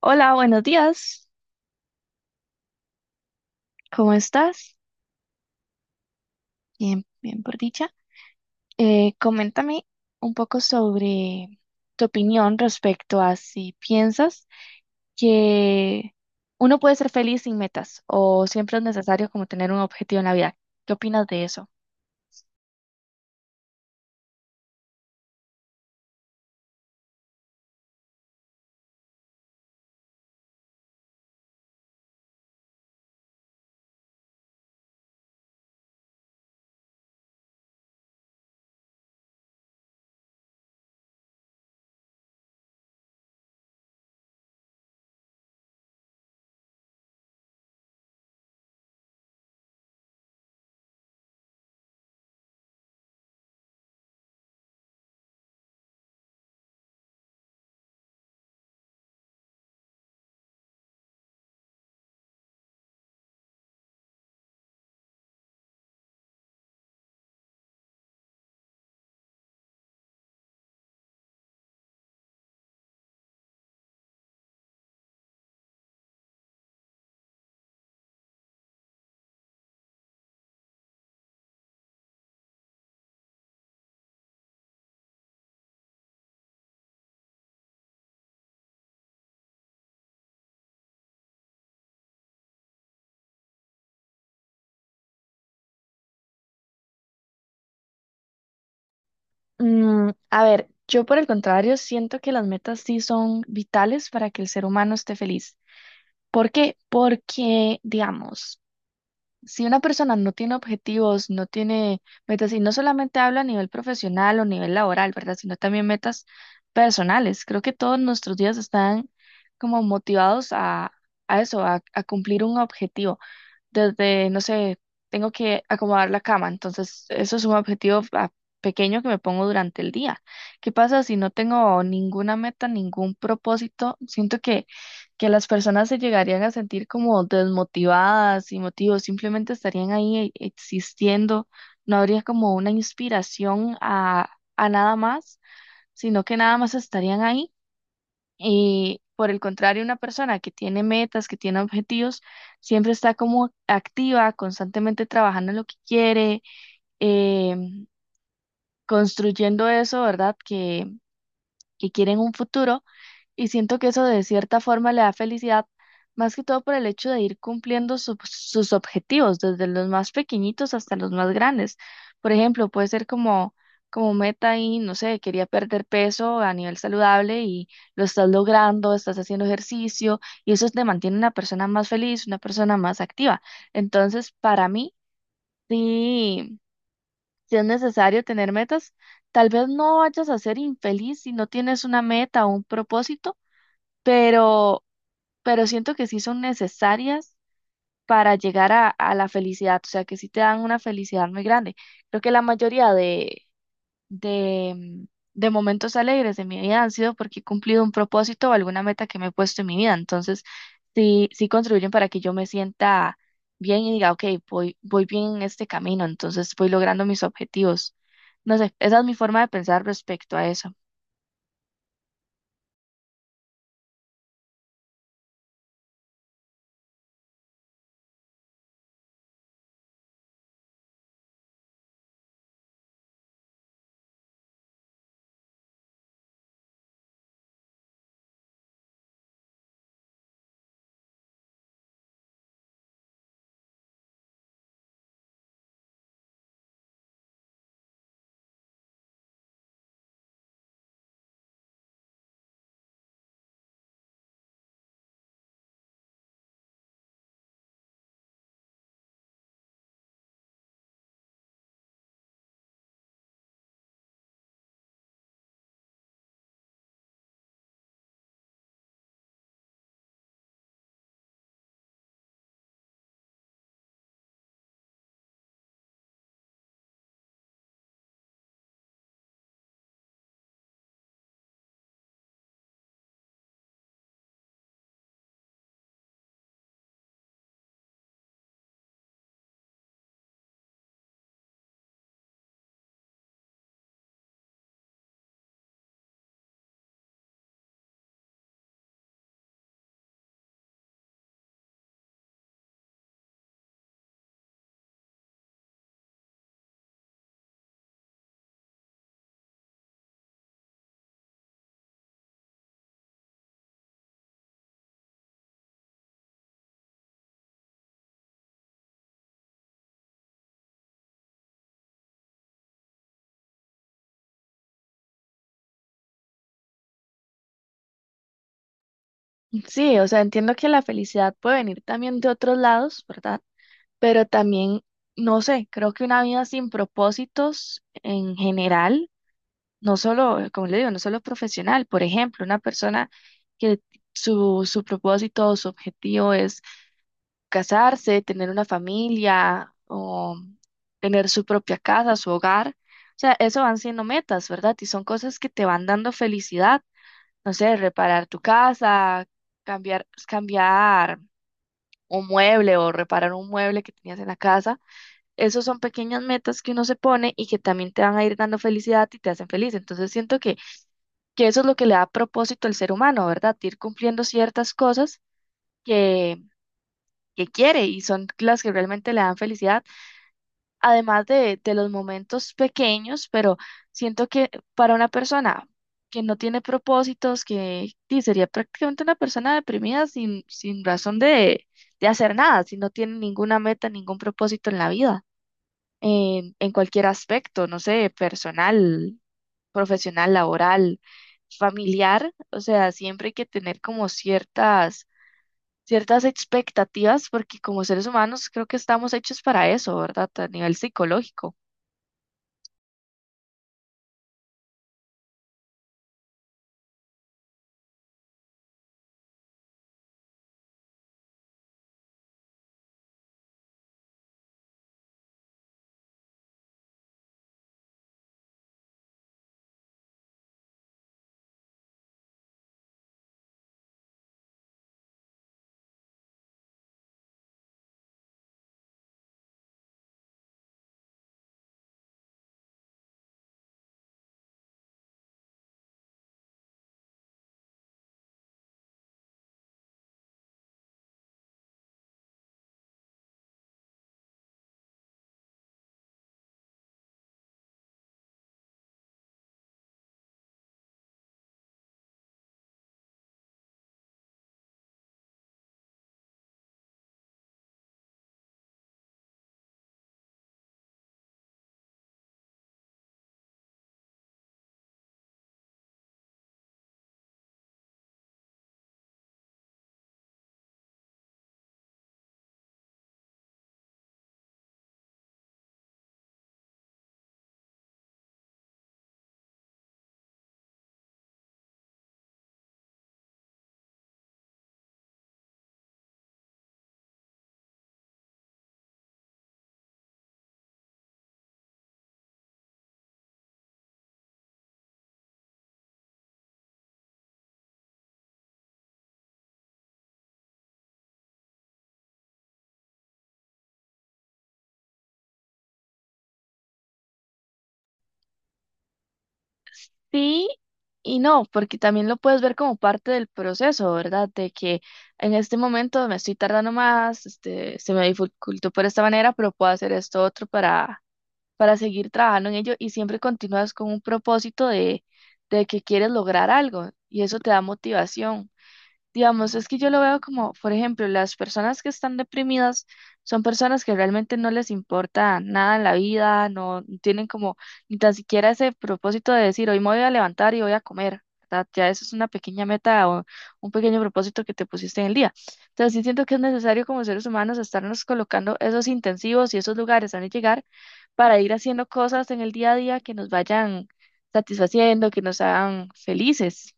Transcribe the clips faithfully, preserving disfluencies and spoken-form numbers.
Hola, buenos días. ¿Cómo estás? Bien, bien por dicha. Eh, coméntame un poco sobre tu opinión respecto a si piensas que uno puede ser feliz sin metas o siempre es necesario como tener un objetivo en la vida. ¿Qué opinas de eso? Mm, a ver, yo por el contrario siento que las metas sí son vitales para que el ser humano esté feliz. ¿Por qué? Porque, digamos, si una persona no tiene objetivos, no tiene metas, y no solamente hablo a nivel profesional o nivel laboral, ¿verdad? Sino también metas personales. Creo que todos nuestros días están como motivados a, a eso, a, a cumplir un objetivo. Desde, no sé, tengo que acomodar la cama, entonces eso es un objetivo a- pequeño que me pongo durante el día. ¿Qué pasa si no tengo ninguna meta, ningún propósito? Siento que que las personas se llegarían a sentir como desmotivadas y motivos, simplemente estarían ahí e- existiendo, no habría como una inspiración a, a nada más, sino que nada más estarían ahí. Y por el contrario, una persona que tiene metas, que tiene objetivos, siempre está como activa, constantemente trabajando en lo que quiere, em, construyendo eso, ¿verdad? Que, que quiere en un futuro. Y siento que eso de cierta forma le da felicidad, más que todo por el hecho de ir cumpliendo sus sus objetivos, desde los más pequeñitos hasta los más grandes. Por ejemplo, puede ser como, como meta y, no sé, quería perder peso a nivel saludable y lo estás logrando, estás haciendo ejercicio y eso te mantiene una persona más feliz, una persona más activa. Entonces, para mí, sí, sí es necesario tener metas. Tal vez no vayas a ser infeliz si no tienes una meta o un propósito, pero pero siento que sí son necesarias para llegar a, a la felicidad, o sea, que sí te dan una felicidad muy grande. Creo que la mayoría de, de, mm, de momentos alegres de mi vida han sido porque he cumplido un propósito o alguna meta que me he puesto en mi vida, entonces sí, sí contribuyen para que yo me sienta bien y diga, ok, voy, voy bien en este camino, entonces voy logrando mis objetivos. No sé, esa es mi forma de pensar respecto a eso. Sí, o sea, entiendo que la felicidad puede venir también de otros lados, ¿verdad? Pero también, no sé, creo que una vida sin propósitos en general, no solo, eh, como le digo, no solo profesional, por ejemplo, una persona que su, su propósito o su objetivo es casarse, tener una familia o tener su propia casa, su hogar, o sea, eso van siendo metas, ¿verdad? Y son cosas que te van dando felicidad, no sé, reparar tu casa, cambiar, cambiar un mueble o reparar un mueble que tenías en la casa. Esos son pequeñas metas que uno se pone y que también te van a ir dando felicidad y te hacen feliz. Entonces siento que, que eso es lo que le da propósito al ser humano, ¿verdad? Ir cumpliendo ciertas cosas que, que quiere y son las que realmente le dan felicidad, además de, de los momentos pequeños, pero siento que para una persona que no tiene propósitos, que sí, sería prácticamente una persona deprimida sin, sin razón de, de hacer nada, si no tiene ninguna meta, ningún propósito en la vida. en, en cualquier aspecto, no sé, personal, profesional, laboral, familiar, o sea, siempre hay que tener como ciertas, ciertas expectativas, porque como seres humanos creo que estamos hechos para eso, ¿verdad? A nivel psicológico. Sí y no, porque también lo puedes ver como parte del proceso, ¿verdad? De que en este momento me estoy tardando más, este, se me dificultó por esta manera, pero puedo hacer esto otro para para seguir trabajando en ello y siempre continúas con un propósito de, de que quieres lograr algo y eso te da motivación. Digamos, es que yo lo veo como, por ejemplo, las personas que están deprimidas son personas que realmente no les importa nada en la vida, no no tienen como ni tan siquiera ese propósito de decir, hoy me voy a levantar y voy a comer, ¿verdad? Ya eso es una pequeña meta o un pequeño propósito que te pusiste en el día. Entonces, sí siento que es necesario como seres humanos estarnos colocando esos intensivos y esos lugares donde llegar para ir haciendo cosas en el día a día que nos vayan satisfaciendo, que nos hagan felices.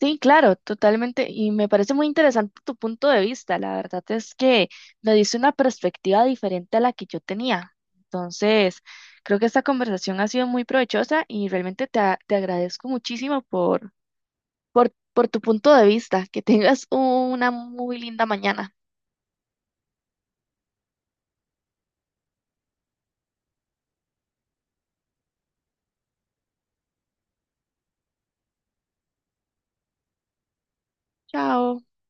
Sí, claro, totalmente. Y me parece muy interesante tu punto de vista. La verdad es que me dice una perspectiva diferente a la que yo tenía. Entonces, creo que esta conversación ha sido muy provechosa y realmente te, a- te agradezco muchísimo por, por, por tu punto de vista. Que tengas una muy linda mañana. Chao.